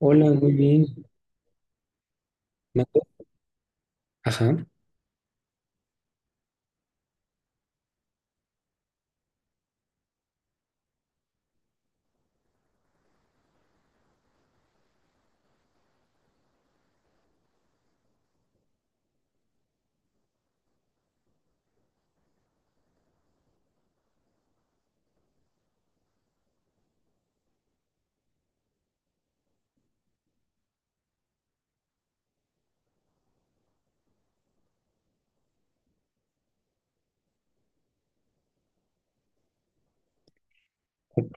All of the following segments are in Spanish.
Hola, muy bien. Me Ajá, ok.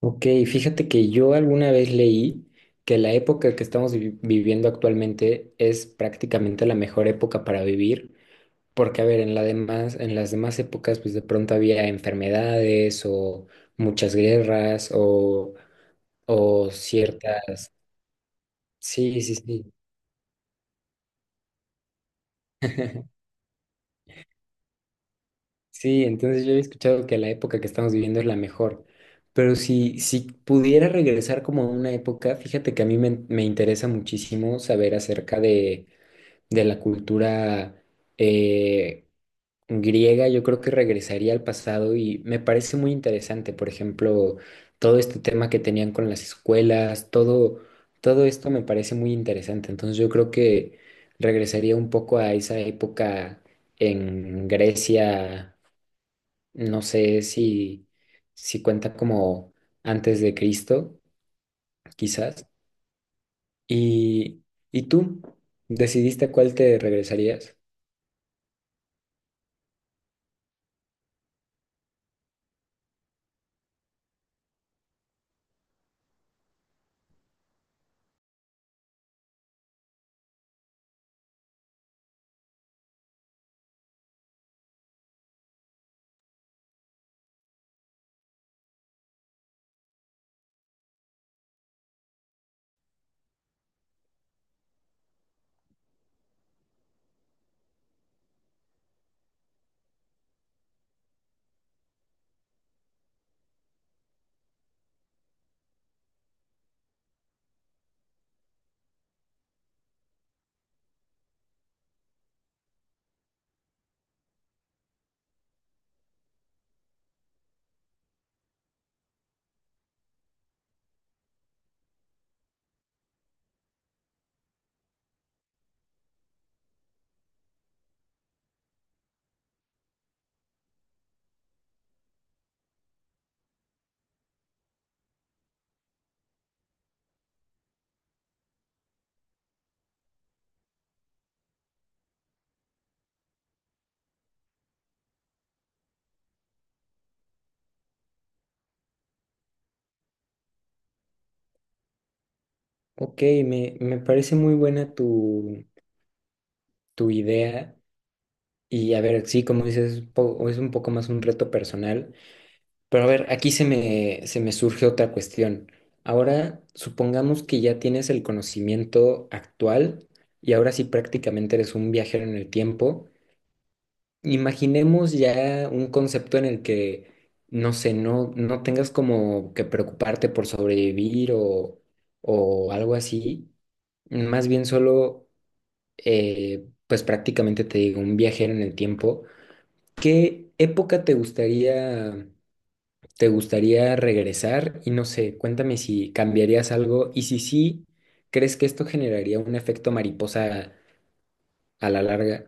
Ok, fíjate que yo alguna vez leí que la época que estamos viviendo actualmente es prácticamente la mejor época para vivir, porque a ver, en las demás épocas pues de pronto había enfermedades o muchas guerras o ciertas. Sí, sí, sí. Sí, entonces yo he escuchado que la época que estamos viviendo es la mejor, pero si pudiera regresar como a una época, fíjate que a mí me interesa muchísimo saber acerca de la cultura eh, griega. Yo creo que regresaría al pasado y me parece muy interesante, por ejemplo, todo este tema que tenían con las escuelas, todo esto me parece muy interesante. Entonces yo creo que regresaría un poco a esa época en Grecia, no sé si, si cuenta como antes de Cristo, quizás. ¿Y, y tú decidiste a cuál te regresarías? Ok, me parece muy buena tu idea. Y a ver, sí, como dices, es es un poco más un reto personal. Pero a ver, aquí se me surge otra cuestión. Ahora, supongamos que ya tienes el conocimiento actual y ahora sí prácticamente eres un viajero en el tiempo. Imaginemos ya un concepto en el que, no sé, no tengas como que preocuparte por sobrevivir o algo así. Más bien solo, pues prácticamente te digo, un viajero en el tiempo. ¿Qué época te gustaría regresar? Y no sé, cuéntame si cambiarías algo y si sí, ¿crees que esto generaría un efecto mariposa a la larga?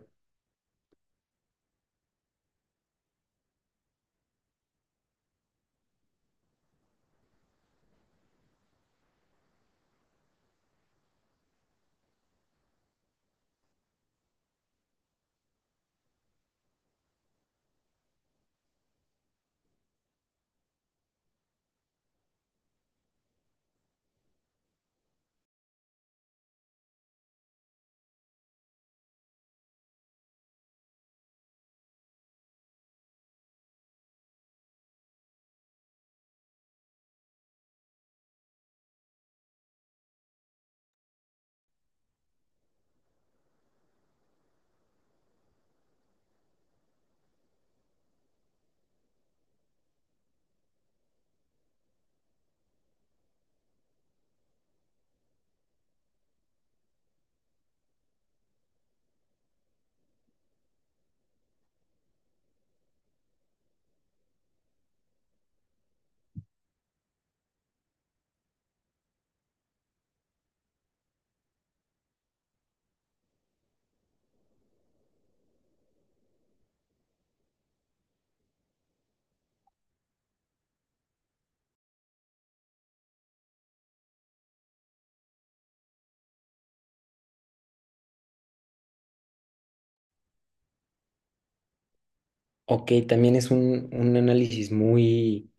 Ok, también es un análisis muy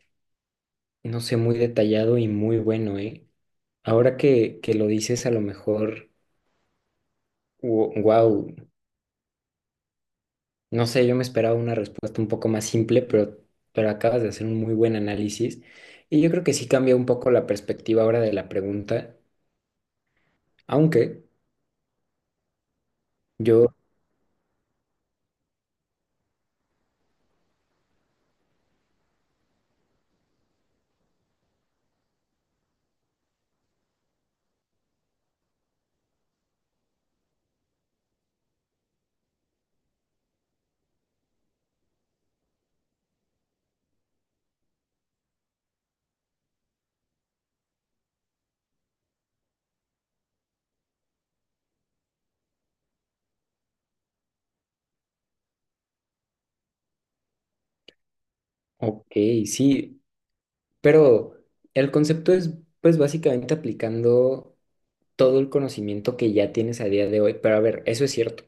no sé, muy detallado y muy bueno, ¿eh? Ahora que lo dices, a lo mejor, wow, no sé, yo me esperaba una respuesta un poco más simple, pero acabas de hacer un muy buen análisis y yo creo que sí cambia un poco la perspectiva ahora de la pregunta, aunque yo, ok, sí, pero el concepto es pues básicamente aplicando todo el conocimiento que ya tienes a día de hoy, pero a ver, eso es cierto.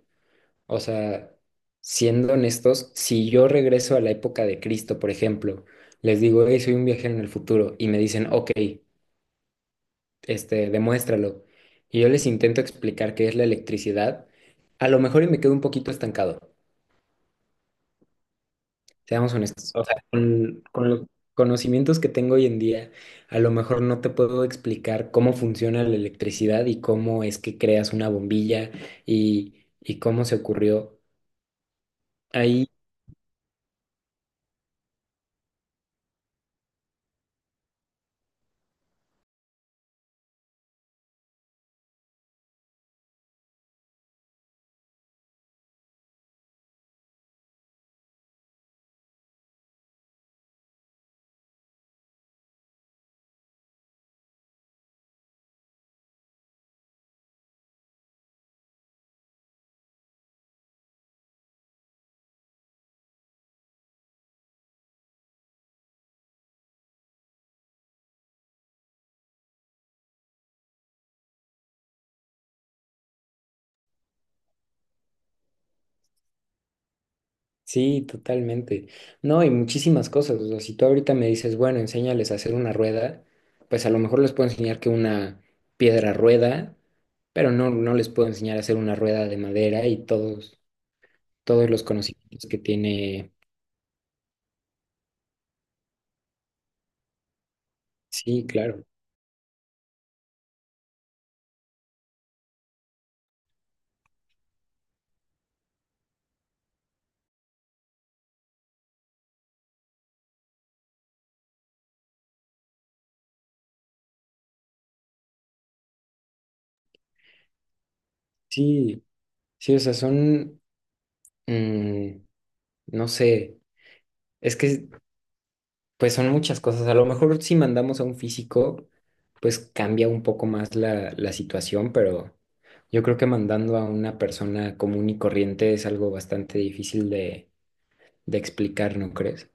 O sea, siendo honestos, si yo regreso a la época de Cristo, por ejemplo, les digo, hey, soy un viajero en el futuro, y me dicen, ok, este, demuéstralo. Y yo les intento explicar qué es la electricidad, a lo mejor y me quedo un poquito estancado, seamos honestos. O sea, con los conocimientos que tengo hoy en día, a lo mejor no te puedo explicar cómo funciona la electricidad y cómo es que creas una bombilla y cómo se ocurrió. Sí, totalmente. No, y muchísimas cosas. O sea, si tú ahorita me dices, bueno, enséñales a hacer una rueda, pues a lo mejor les puedo enseñar que una piedra rueda, pero no les puedo enseñar a hacer una rueda de madera y todos los conocimientos que tiene. Sí, claro. Sí, sí, o sea, son, mm, no sé, es que pues son muchas cosas. A lo mejor si mandamos a un físico, pues cambia un poco más la situación, pero yo creo que mandando a una persona común y corriente es algo bastante difícil de explicar, ¿no crees?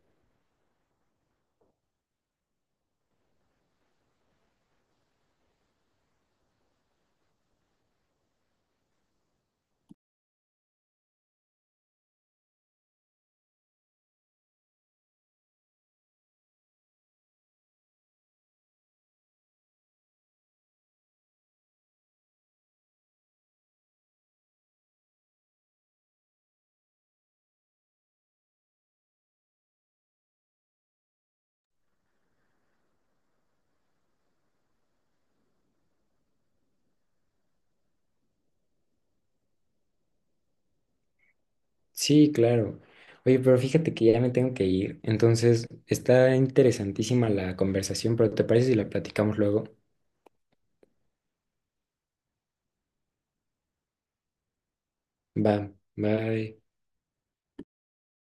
Sí, claro. Oye, pero fíjate que ya me tengo que ir. Entonces, está interesantísima la conversación, pero ¿te parece si la platicamos luego? Va, bye.